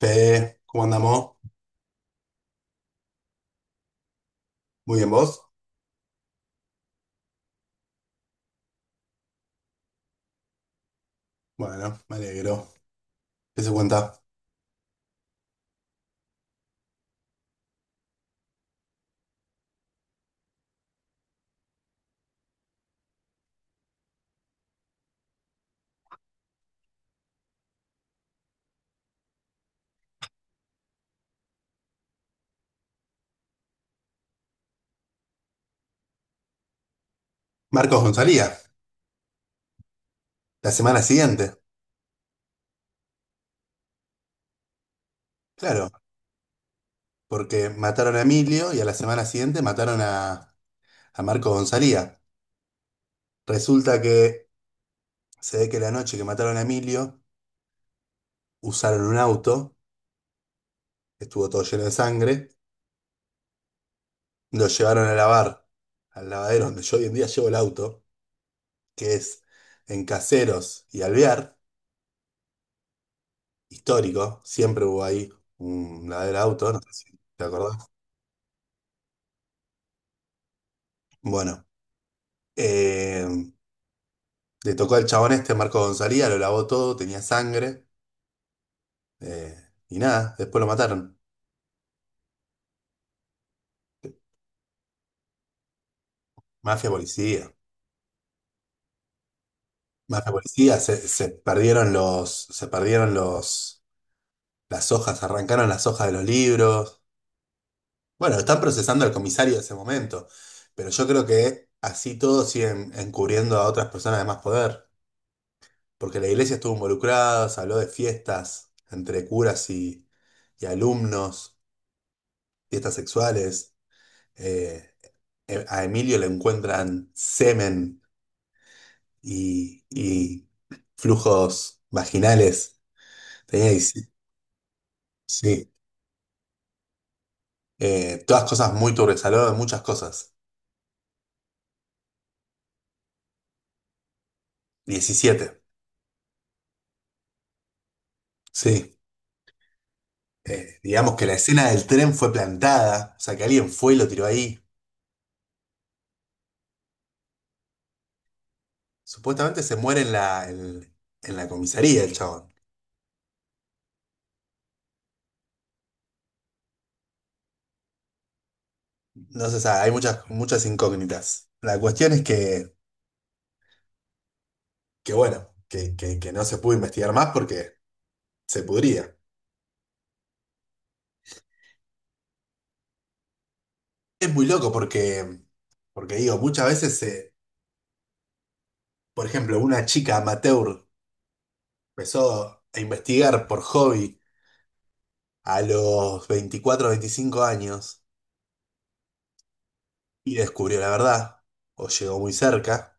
Fe, ¿cómo andamos? Muy bien, ¿vos? Bueno, me alegro. ¿Qué se cuenta? Marcos Gonzalía, la semana siguiente. Claro, porque mataron a Emilio y a la semana siguiente mataron a Marcos Gonzalía. Resulta que se ve que la noche que mataron a Emilio usaron un auto, que estuvo todo lleno de sangre, lo llevaron a lavar al lavadero donde yo hoy en día llevo el auto, que es en Caseros y Alvear, histórico, siempre hubo ahí un lavadero de auto, no sé si te acordás. Bueno, eh, le tocó al chabón este, Marco Gonzalía, lo lavó todo, tenía sangre, eh, y nada, después lo mataron. Mafia policía. Mafia policía, se perdieron los, se perdieron los, las hojas, arrancaron las hojas de los libros. Bueno, están procesando al comisario de ese momento, pero yo creo que así todos siguen encubriendo a otras personas de más poder, porque la iglesia estuvo involucrada, se habló de fiestas entre curas y alumnos, fiestas sexuales. eh, a Emilio le encuentran semen y flujos vaginales. Tenía 17. Sí, todas cosas muy turbias, hablaba de muchas cosas. 17. Sí. Digamos que la escena del tren fue plantada, o sea que alguien fue y lo tiró ahí. Supuestamente se muere en en la comisaría el chabón. No se sabe, hay muchas, muchas incógnitas. La cuestión es que bueno, que no se pudo investigar más porque se pudría. Es muy loco porque, porque digo, muchas veces, por ejemplo, una chica amateur empezó a investigar por hobby a los 24 25 años y descubrió la verdad, o llegó muy cerca.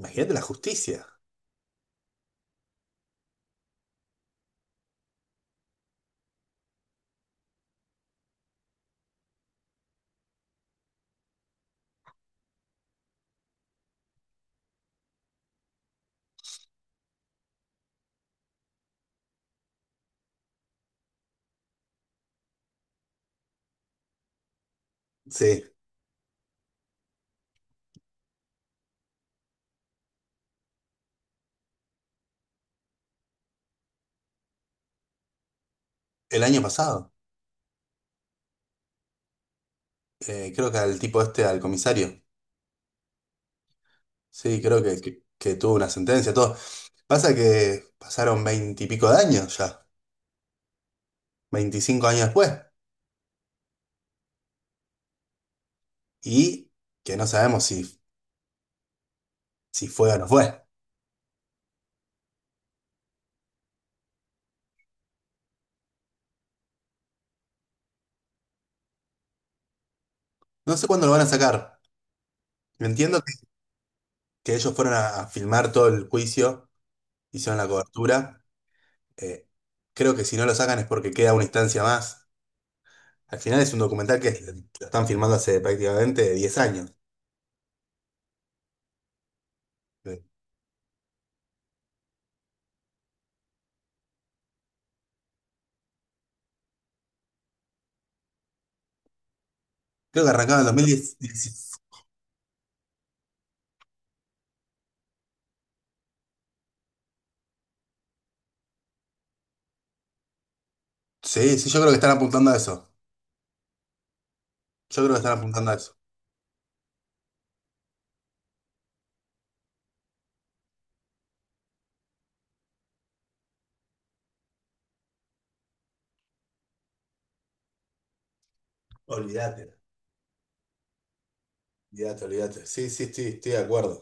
Imagínate la justicia. Sí, el año pasado, creo que al tipo este, al comisario, sí, creo que, tuvo una sentencia, todo. Pasa que pasaron 20 y pico de años ya, 25 años después, y que no sabemos si, si fue o no fue. No sé cuándo lo van a sacar. Yo entiendo que ellos fueron a filmar todo el juicio, hicieron la cobertura. Eh, creo que si no lo sacan es porque queda una instancia más. Al final es un documental que lo están filmando hace prácticamente 10 años. Eh, Creo que arrancaba en 2010. Sí, sí, yo creo que están apuntando a eso. Yo creo que están apuntando a eso. Olvídate, olvídate, olvídate. Sí, sí, sí, estoy de acuerdo.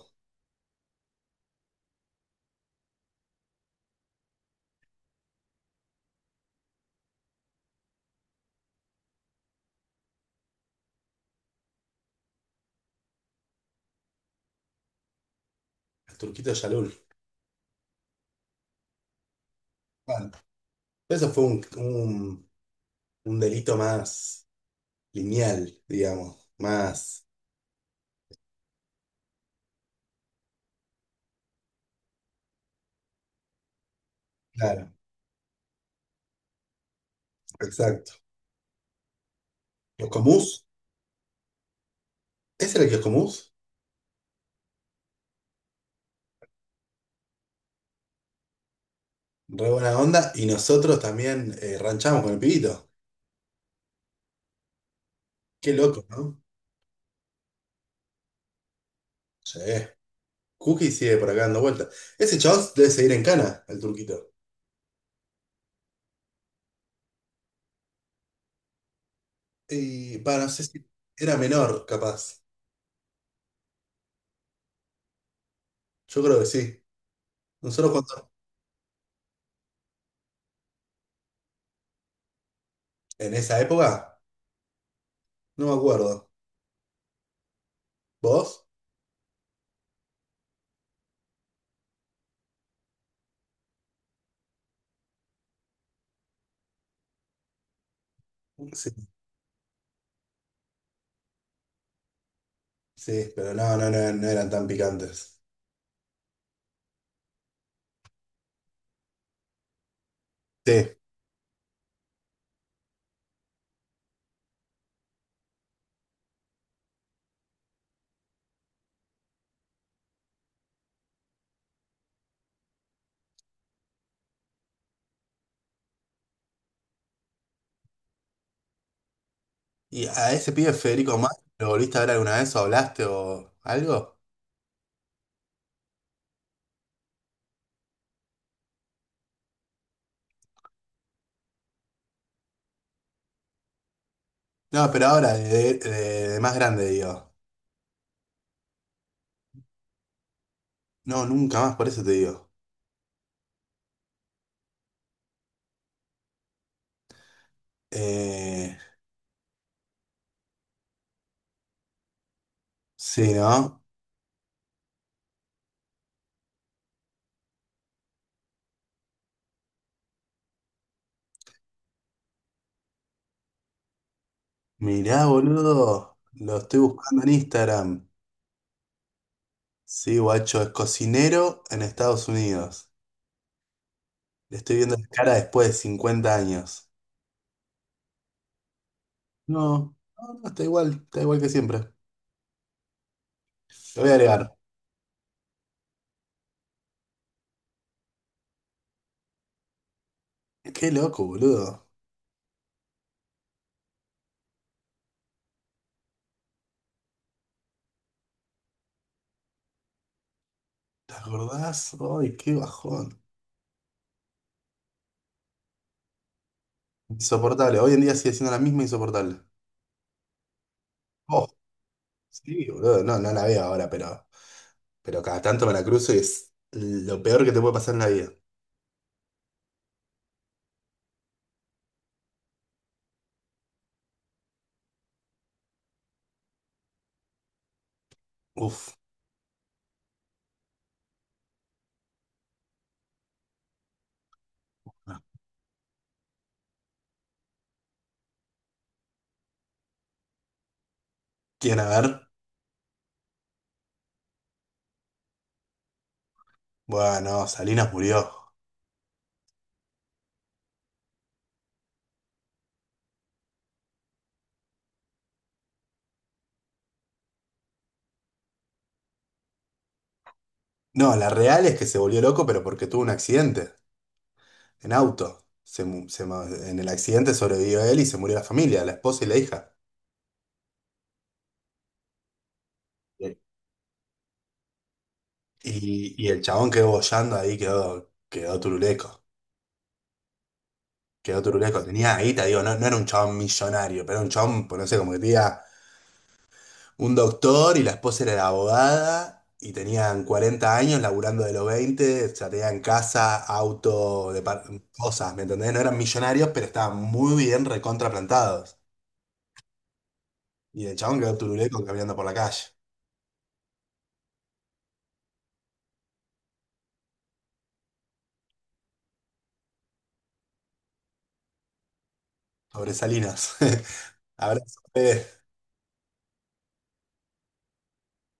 El turquito Yalul. Bueno, eso fue un delito más lineal, digamos. Más. Claro. Exacto. Los Comus, ese era el que es Comus, re buena onda, y nosotros también ranchamos con el pibito. Qué loco, ¿no? Sí. Cookie sigue por acá dando vueltas. Ese chabón debe seguir en cana, el turquito. Y para, no sé si era menor, capaz. Yo creo que sí. Nosotros cuando, en esa época, no me acuerdo. ¿Vos? Sí, sí, pero no, no, no, no eran tan picantes. Sí. ¿Y a ese pibe Federico Más, lo volviste a ver alguna vez o hablaste o algo? No, pero ahora, de más grande, digo. No, nunca más, por eso te digo. Eh, sí, ¿no? Mirá, boludo, lo estoy buscando en Instagram. Sí, guacho, es cocinero en Estados Unidos. Le estoy viendo la cara después de 50 años. No, no, no, está igual que siempre. Lo voy a agregar. Qué loco, boludo. ¿Te acordás? Ay, qué bajón. Insoportable. Hoy en día sigue siendo la misma insoportable. Oh, sí, boludo, no, no la veo ahora, pero... Pero cada tanto me la cruzo y es lo peor que te puede pasar en la vida. Uf, ¿quién a ver? Bueno, Salinas murió. No, la real es que se volvió loco, pero porque tuvo un accidente en auto. Se mu- se ma- En el accidente sobrevivió él y se murió la familia, la esposa y la hija. Sí. El chabón quedó boyando ahí, quedó, quedó turuleco. Quedó turuleco. Tenía ahí, te digo, no, no era un chabón millonario, pero era un chabón, pues no sé, como que tenía un doctor y la esposa era abogada y tenían 40 años laburando de los 20 ya tenían casa, auto, cosas, ¿me entendés? No eran millonarios, pero estaban muy bien recontraplantados. Y el chabón quedó turuleco caminando por la calle, sobre Salinas. Abrazo.